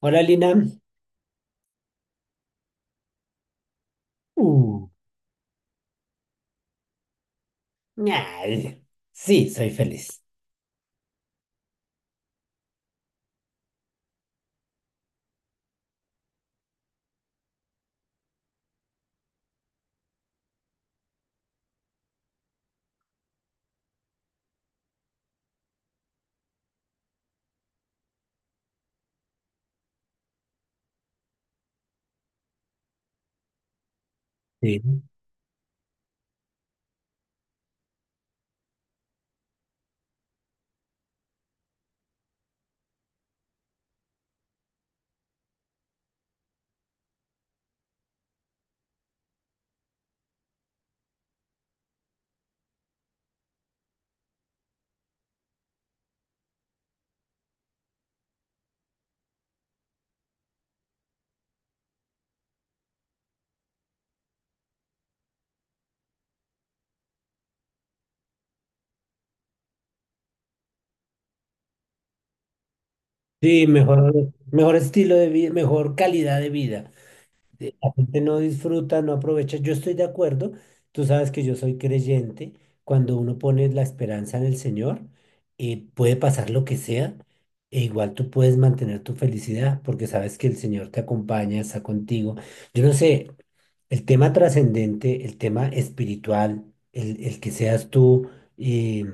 Hola Lina. Uh, ay, sí, soy feliz. Sí, sí, mejor, mejor estilo de vida, mejor calidad de vida. La gente no disfruta, no aprovecha. Yo estoy de acuerdo. Tú sabes que yo soy creyente. Cuando uno pone la esperanza en el Señor, puede pasar lo que sea, e igual tú puedes mantener tu felicidad porque sabes que el Señor te acompaña, está contigo. Yo no sé, el tema trascendente, el tema espiritual, el que seas tú eh,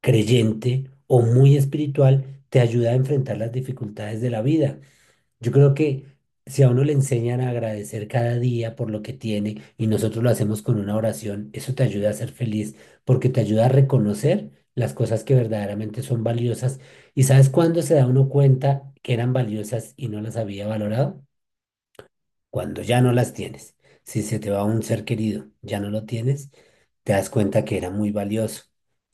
creyente o muy espiritual, te ayuda a enfrentar las dificultades de la vida. Yo creo que si a uno le enseñan a agradecer cada día por lo que tiene y nosotros lo hacemos con una oración, eso te ayuda a ser feliz porque te ayuda a reconocer las cosas que verdaderamente son valiosas. ¿Y sabes cuándo se da uno cuenta que eran valiosas y no las había valorado? Cuando ya no las tienes, si se te va un ser querido, ya no lo tienes, te das cuenta que era muy valioso.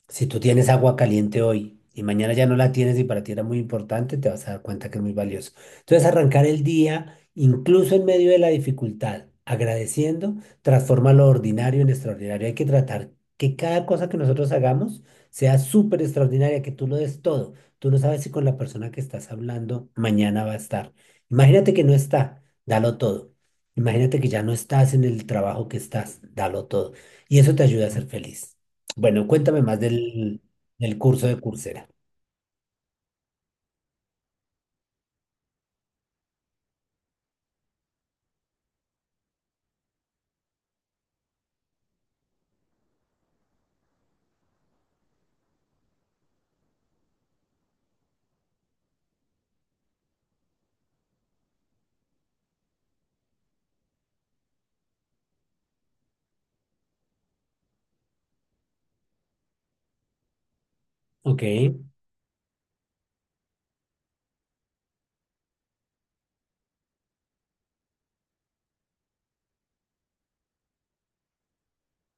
Si tú tienes agua caliente hoy y mañana ya no la tienes y para ti era muy importante, te vas a dar cuenta que es muy valioso. Entonces, arrancar el día, incluso en medio de la dificultad, agradeciendo, transforma lo ordinario en extraordinario. Hay que tratar que cada cosa que nosotros hagamos sea súper extraordinaria, que tú lo des todo. Tú no sabes si con la persona que estás hablando mañana va a estar. Imagínate que no está. Dalo todo. Imagínate que ya no estás en el trabajo que estás, dalo todo. Y eso te ayuda a ser feliz. Bueno, cuéntame más del curso de Coursera. Ok,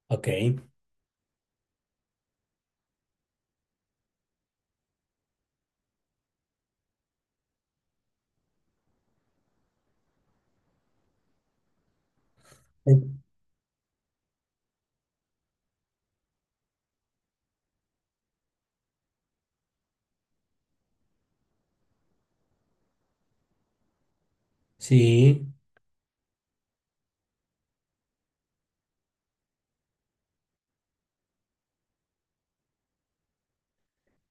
ok. Sí,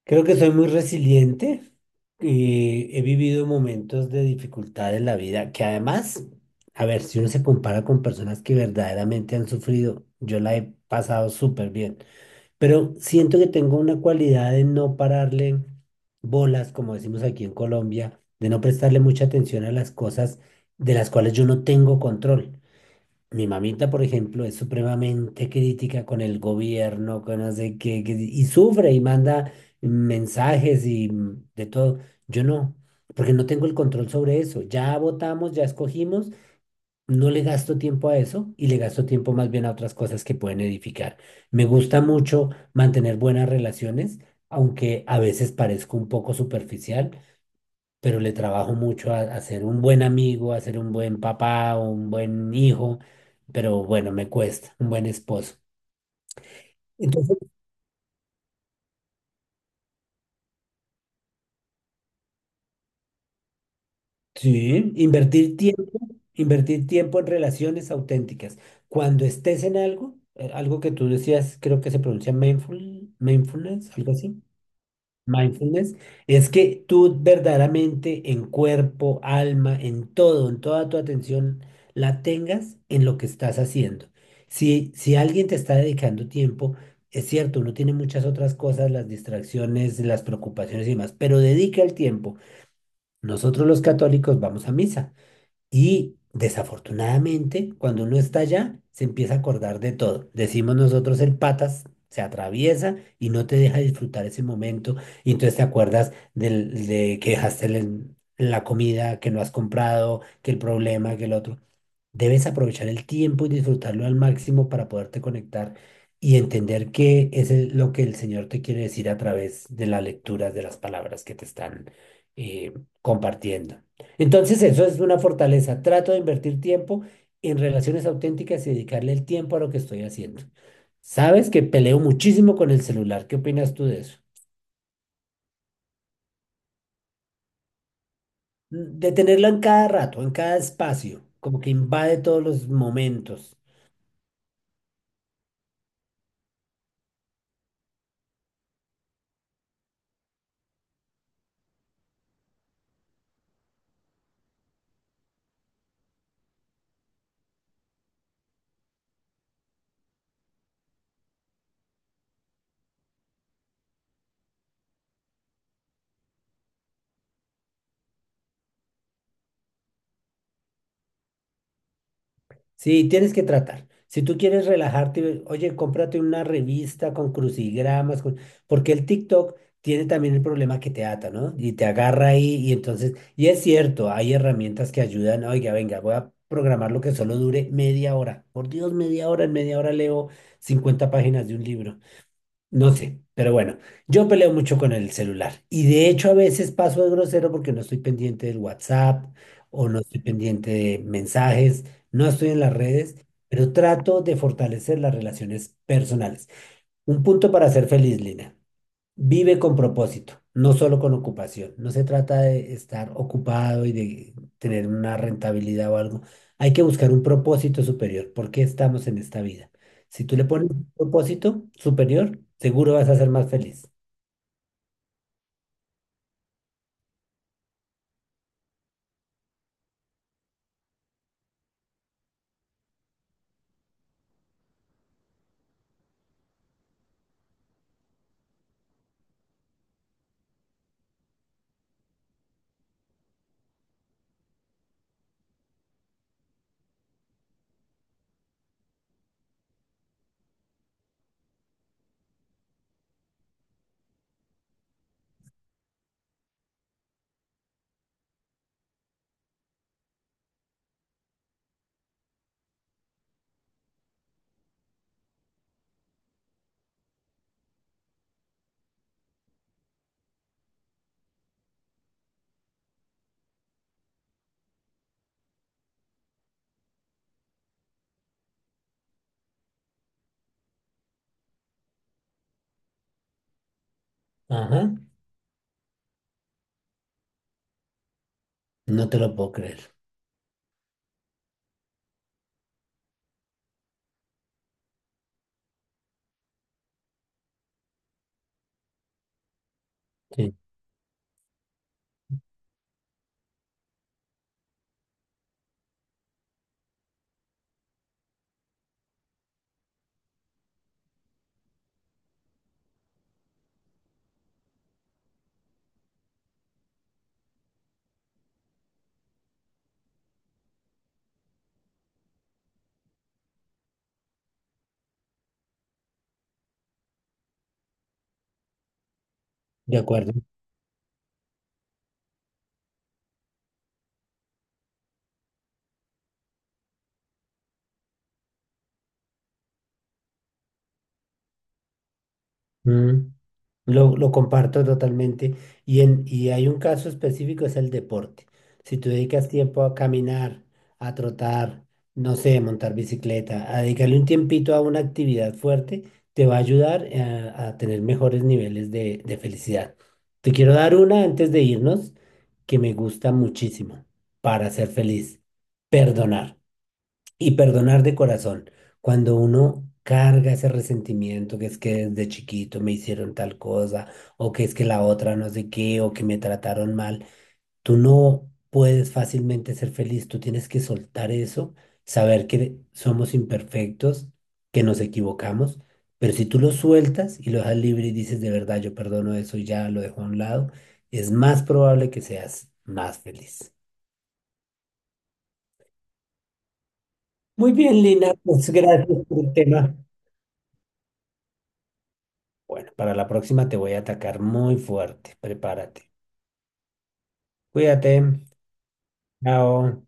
creo que soy muy resiliente y he vivido momentos de dificultad en la vida que además, a ver, si uno se compara con personas que verdaderamente han sufrido, yo la he pasado súper bien. Pero siento que tengo una cualidad de no pararle bolas, como decimos aquí en Colombia, de no prestarle mucha atención a las cosas de las cuales yo no tengo control. Mi mamita, por ejemplo, es supremamente crítica con el gobierno, con no sé qué, que- si, y sufre y manda mensajes y de todo. Yo no, porque no tengo el control sobre eso. Ya votamos, ya escogimos, no le gasto tiempo a eso y le gasto tiempo más bien a otras cosas que pueden edificar. Me gusta mucho mantener buenas relaciones, aunque a veces parezco un poco superficial, pero le trabajo mucho a ser un buen amigo, a ser un buen papá, un buen hijo, pero bueno, me cuesta, un buen esposo. Entonces, sí, invertir tiempo en relaciones auténticas. Cuando estés en algo, algo que tú decías, creo que se pronuncia mindful, mindfulness, algo así. Mindfulness es que tú verdaderamente en cuerpo, alma, en todo, en toda tu atención, la tengas en lo que estás haciendo. Si, si alguien te está dedicando tiempo, es cierto, uno tiene muchas otras cosas, las distracciones, las preocupaciones y demás, pero dedica el tiempo. Nosotros los católicos vamos a misa. Y desafortunadamente, cuando uno está allá, se empieza a acordar de todo. Decimos nosotros el patas, se atraviesa y no te deja disfrutar ese momento. Y entonces te acuerdas de que dejaste la comida, que no has comprado, que el problema, que el otro. Debes aprovechar el tiempo y disfrutarlo al máximo para poderte conectar y entender qué es lo que el Señor te quiere decir a través de la lectura de las palabras que te están eh, compartiendo. Entonces, eso es una fortaleza. Trato de invertir tiempo en relaciones auténticas y dedicarle el tiempo a lo que estoy haciendo. Sabes que peleo muchísimo con el celular. ¿Qué opinas tú de eso? De tenerlo en cada rato, en cada espacio, como que invade todos los momentos. Sí, tienes que tratar. Si tú quieres relajarte, oye, cómprate una revista con crucigramas, con- porque el TikTok tiene también el problema que te ata, ¿no? Y te agarra ahí y entonces, y es cierto, hay herramientas que ayudan, oiga, venga, voy a programar lo que solo dure media hora. Por Dios, media hora, en media hora leo 50 páginas de un libro. No sé, pero bueno, yo peleo mucho con el celular y de hecho a veces paso de grosero porque no estoy pendiente del WhatsApp o no estoy pendiente de mensajes, no estoy en las redes, pero trato de fortalecer las relaciones personales. Un punto para ser feliz, Lina. Vive con propósito, no solo con ocupación. No se trata de estar ocupado y de tener una rentabilidad o algo. Hay que buscar un propósito superior. ¿Por qué estamos en esta vida? Si tú le pones un propósito superior, seguro vas a ser más feliz. Ajá. No te lo puedo creer. Sí, de acuerdo. Mm. Lo comparto totalmente. Y hay un caso específico, es el deporte. Si tú dedicas tiempo a caminar, a trotar, no sé, a montar bicicleta, a dedicarle un tiempito a una actividad fuerte, te va a ayudar a tener mejores niveles de felicidad. Te quiero dar una antes de irnos que me gusta muchísimo para ser feliz. Perdonar. Y perdonar de corazón. Cuando uno carga ese resentimiento que es que desde chiquito me hicieron tal cosa, o que es que la otra no sé qué, o que me trataron mal, tú no puedes fácilmente ser feliz. Tú tienes que soltar eso, saber que somos imperfectos, que nos equivocamos, pero si tú lo sueltas y lo dejas libre y dices de verdad, yo perdono eso y ya lo dejo a un lado, es más probable que seas más feliz. Muy bien, Lina, pues gracias por el tema. Bueno, para la próxima te voy a atacar muy fuerte. Prepárate. Cuídate. Chao.